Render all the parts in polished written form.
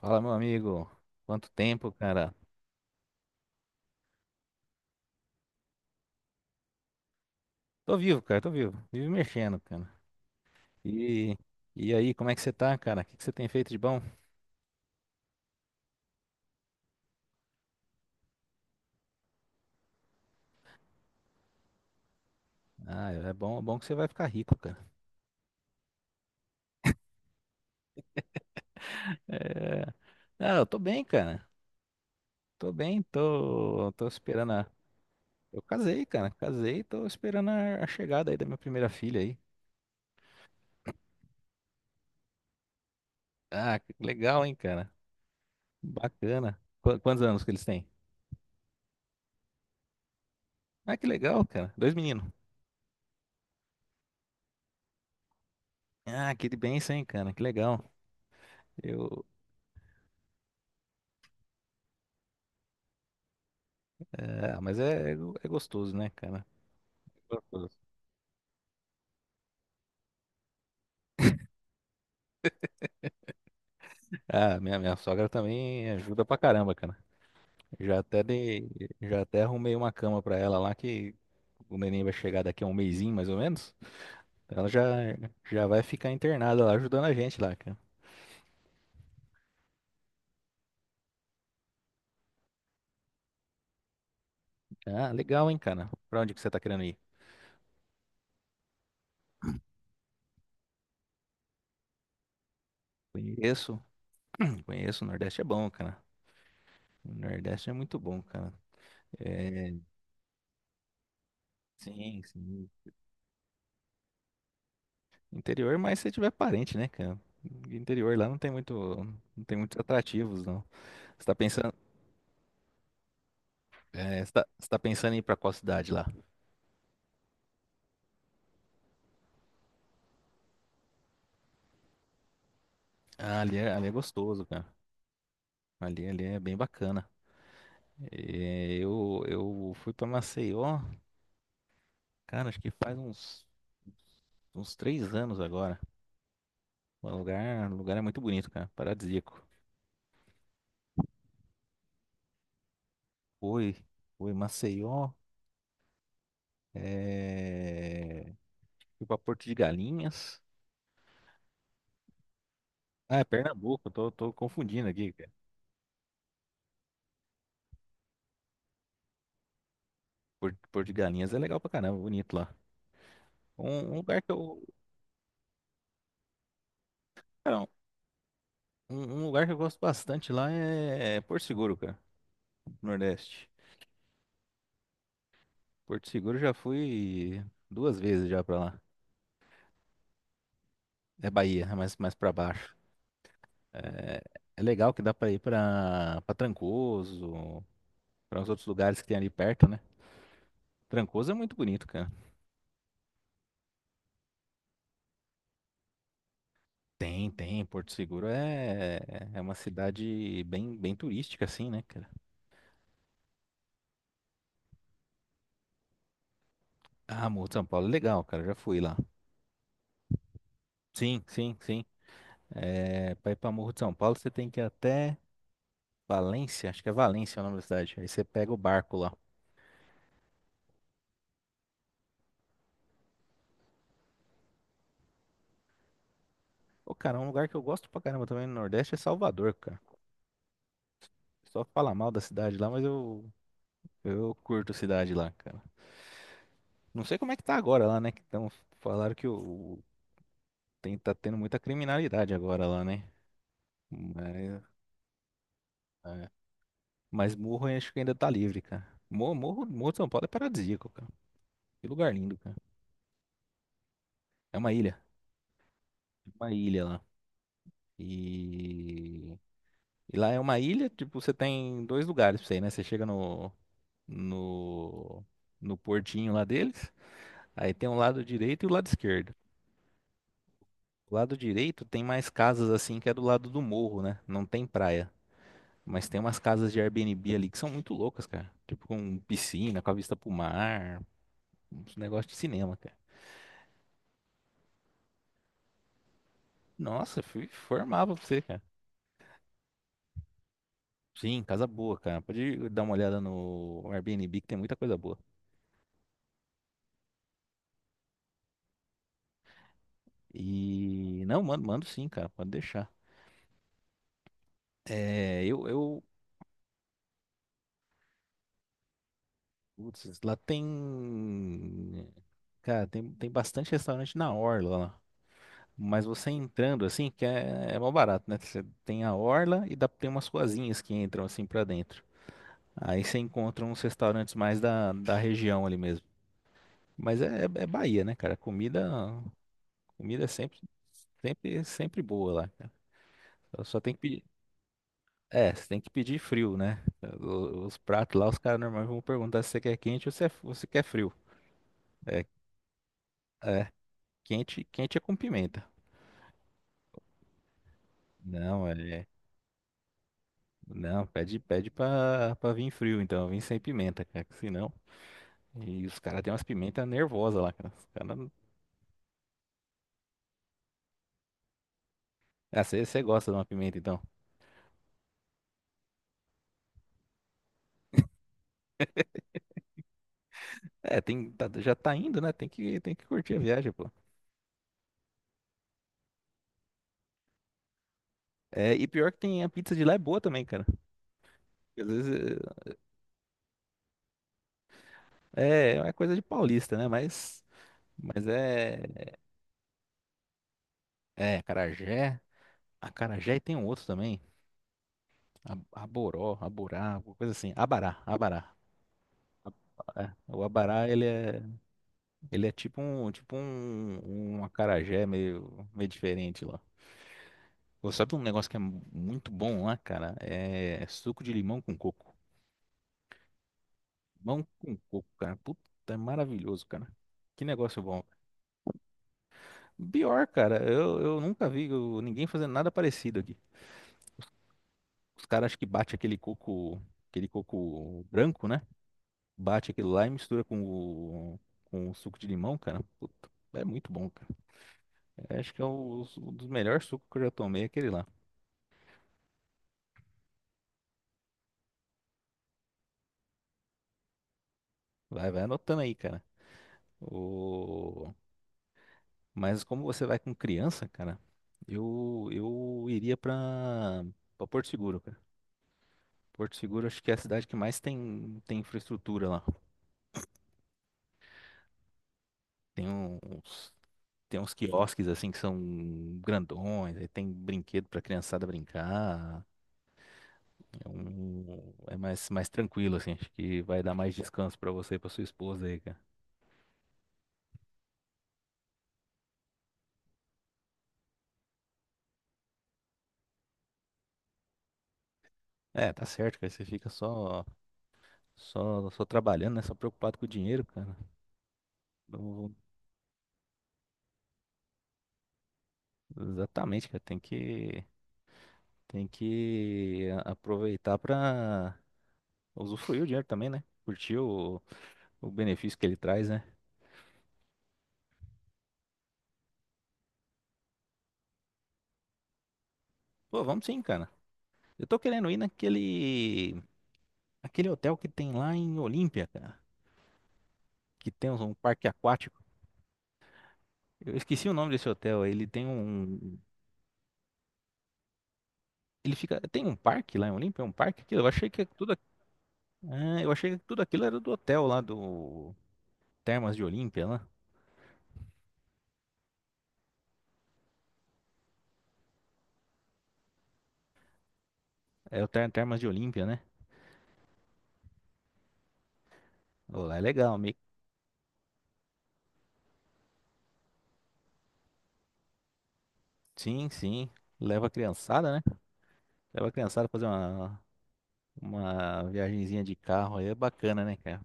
Fala, meu amigo. Quanto tempo, cara? Tô vivo, cara, tô vivo. Vivo mexendo, cara. E, e aí, como é que você tá, cara? O que que você tem feito de bom? Ah, é bom que você vai ficar rico, cara. É... Ah, eu tô bem, cara. Tô bem, tô esperando a... Eu casei, cara. Casei, tô esperando a chegada aí da minha primeira filha aí. Ah, que legal, hein, cara. Bacana. Quantos anos que eles têm? Ah, que legal, cara. Dois meninos. Ah, que bênção, hein, cara. Que legal. Eu É, mas é gostoso, né, cara? É gostoso. Ah, minha sogra também ajuda pra caramba, cara. Já até dei, já até arrumei uma cama pra ela lá que o neném vai chegar daqui a um mesinho, mais ou menos. Ela já vai ficar internada lá ajudando a gente lá, cara. Ah, legal, hein, cara? Pra onde que você tá querendo ir? Conheço, conheço, o Nordeste é bom, cara. O Nordeste é muito bom, cara. É, sim, sim. Interior, mas se tiver parente, né, cara? Interior lá não tem muito, não tem muitos atrativos, não. Você tá pensando, é, você tá, pensando em ir pra qual cidade lá? Ah, ali é gostoso, cara. Ali é bem bacana. É, eu fui pra Maceió, cara, acho que faz uns 3 anos agora. O lugar é muito bonito, cara. Paradisíaco. Fui, fui Maceió, é, fui pra Porto de Galinhas. Ah, é Pernambuco, eu tô confundindo aqui, cara. Porto de Galinhas é legal pra caramba, bonito lá. Um lugar que eu, é Um, um lugar que eu gosto bastante lá é Porto Seguro, cara, Nordeste. Porto Seguro já fui 2 vezes já pra lá. É Bahia, é mais pra baixo. É, é, legal que dá pra ir pra Trancoso, pra uns outros lugares que tem ali perto, né? Trancoso é muito bonito, cara. Tem. Porto Seguro é uma cidade bem, bem turística, assim, né, cara? Ah, Morro de São Paulo é legal, cara, já fui lá. Sim, sim, sim. É, pra ir pra Morro de São Paulo você tem que ir até. Valência, acho que é Valência o nome da cidade. Aí você pega o barco lá. Ô, cara, é um lugar que eu gosto pra caramba também no Nordeste é Salvador, cara. Só fala mal da cidade lá, mas eu curto a cidade lá, cara. Não sei como é que tá agora lá, né? Que tão, falaram que o- tem, tá tendo muita criminalidade agora lá, né? Mas, é. Mas Morro eu acho que ainda tá livre, cara. Morro de São Paulo é paradisíaco, cara. Que lugar lindo, cara. É uma ilha. Uma ilha lá. E E lá é uma ilha, tipo, você tem dois lugares pra você ir, né? Você chega no, no portinho lá deles, aí tem o lado direito e o lado esquerdo. O lado direito tem mais casas assim que é do lado do morro, né? Não tem praia. Mas tem umas casas de Airbnb ali que são muito loucas, cara. Tipo, com piscina, com a vista pro mar, uns negócios de cinema, cara. Nossa, fui, formava pra você, cara. Sim, casa boa, cara. Pode dar uma olhada no Airbnb que tem muita coisa boa. E não, mando sim, cara. Pode deixar. É, lá tem, cara, tem bastante restaurante na orla lá. Mas você entrando assim, que é, é mó barato, né? Você tem a orla e dá, tem umas ruazinhas que entram assim pra dentro. Aí você encontra uns restaurantes mais da, da região ali mesmo. Mas é, é é Bahia, né, cara? Comida é sempre, sempre, sempre boa lá, cara. Só tem que pedir. É, você tem que pedir frio, né? O- Os pratos lá, os caras normalmente vão perguntar se você quer quente ou se, é- ou se quer frio. É, é. Quente, quente é com pimenta. Não, é. Não, pede pra vir frio, então. Vim sem pimenta, cara, que senão. E os caras têm umas pimentas nervosas lá, cara. Os cara... Ah, você gosta de uma pimenta, então. É, tem, já tá indo, né? Tem que curtir a viagem, pô. É, e pior que tem a pizza de lá é boa também, cara. Às vezes é uma coisa de paulista, né? Mas é. É, acarajé. Acarajé e tem um outro também. Aboró, aborá, alguma coisa assim. Abará, abará. É, o abará, ele é. Ele é tipo um acarajé meio, meio diferente lá. Pô, sabe um negócio que é muito bom lá, cara? É suco de limão com coco. Limão com coco, cara. Puta, é maravilhoso, cara. Que negócio bom. Pior, cara, eu nunca vi ninguém fazendo nada parecido aqui. Os caras acham que bate aquele coco branco, né? Bate aquilo lá e mistura com o suco de limão, cara. Puta, é muito bom, cara. Acho que é um dos melhores sucos que eu já tomei, é aquele lá. Vai anotando aí, cara. O... Mas como você vai com criança, cara, eu iria pra Porto Seguro, cara. Porto Seguro acho que é a cidade que mais tem, tem infraestrutura lá. Tem uns, tem uns quiosques assim que são grandões, aí tem brinquedo pra criançada brincar. É, um, é mais, mais tranquilo, assim. Acho que vai dar mais descanso pra você e pra sua esposa aí, cara. É, tá certo, cara. Você fica só trabalhando, né? Só preocupado com o dinheiro, cara. Não, exatamente, cara. Tem que aproveitar pra usufruir o dinheiro também, né? Curtir o benefício que ele traz, né? Pô, vamos sim, cara. Eu tô querendo ir aquele hotel que tem lá em Olímpia, cara. Que tem um parque aquático. Eu esqueci o nome desse hotel. Ele fica, tem um parque lá em Olímpia, é um parque aquilo. Eu achei que tudo, eu achei que tudo aquilo era do hotel lá do Termas de Olímpia, lá. É o Termas de Olímpia, né? Pô, lá é legal. Sim, sim. Leva a criançada, né? Leva a criançada pra fazer uma viagenzinha de carro aí, é bacana, né, cara?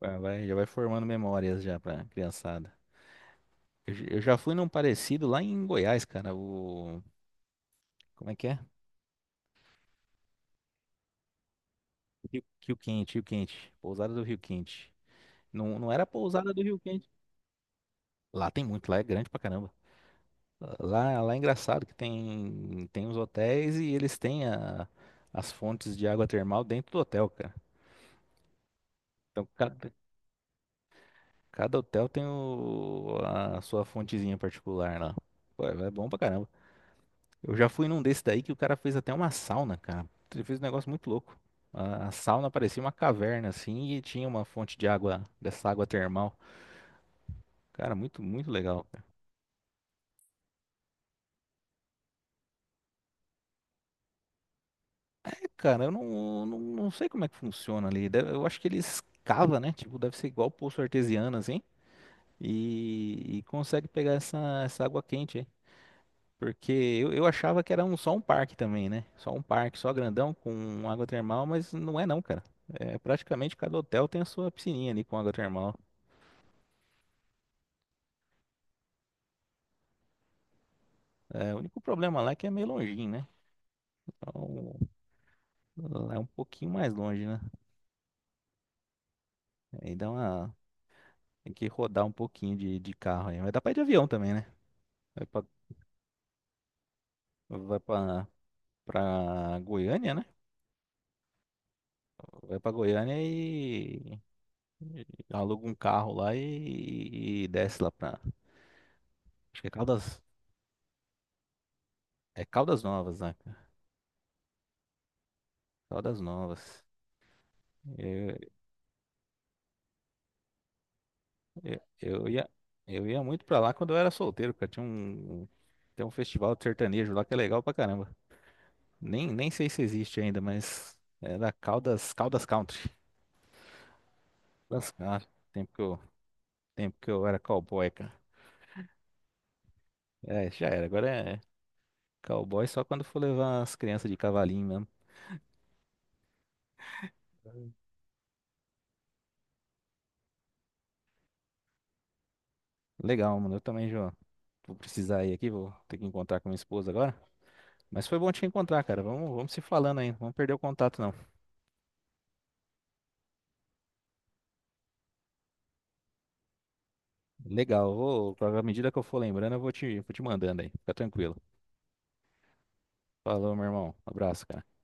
Já vai formando memórias já pra criançada. Eu já fui num parecido lá em Goiás, cara. O. Como é que é? Rio Quente, Rio Quente. Pousada do Rio Quente. Não, não era pousada do Rio Quente. Lá tem muito, lá é grande pra caramba. Lá é engraçado que tem, tem os hotéis e eles têm as fontes de água termal dentro do hotel, cara. Então, Cada hotel tem a sua fontezinha particular lá. Pô, é bom pra caramba. Eu já fui num desse daí que o cara fez até uma sauna, cara. Ele fez um negócio muito louco. A sauna parecia uma caverna, assim, e tinha uma fonte de água, dessa água termal. Cara, muito, muito legal. É, cara, eu não sei como é que funciona ali. Deve- eu acho que eles cavam, né? Tipo, deve ser igual poço artesiano, assim. E consegue pegar essa água quente, hein? Porque eu achava que era só um parque também, né? Só um parque, só grandão, com água termal, mas não é não, cara. É, praticamente cada hotel tem a sua piscininha ali com água termal. É, o único problema lá é que é meio longinho, né? Então, lá é um pouquinho mais longe, né? Aí dá uma... Tem que rodar um pouquinho de carro aí. Mas dá pra ir de avião também, né? Vai pra, vai pra Goiânia, né? Vai pra Goiânia e aluga um carro lá e desce lá pra... Acho que é Caldas... É Caldas Novas, né? Caldas Novas. Eu, eu, eu ia, eu ia muito pra lá quando eu era solteiro, cara. Tem um festival de sertanejo lá que é legal pra caramba. Nem sei se existe ainda, mas era Caldas, Caldas Country. Caldas, ah, tempo que eu, tempo que eu era cowboy, cara. É, já era. Agora é cowboy só quando for levar as crianças de cavalinho mesmo. Legal, mano. Eu também já vou precisar ir aqui, vou ter que encontrar com minha esposa agora. Mas foi bom te encontrar, cara. Vamos se falando aí. Não vamos perder o contato, não. Legal, vou, à medida que eu for lembrando, eu vou te mandando aí. Fica tranquilo. Falou, meu irmão. Abraço, cara.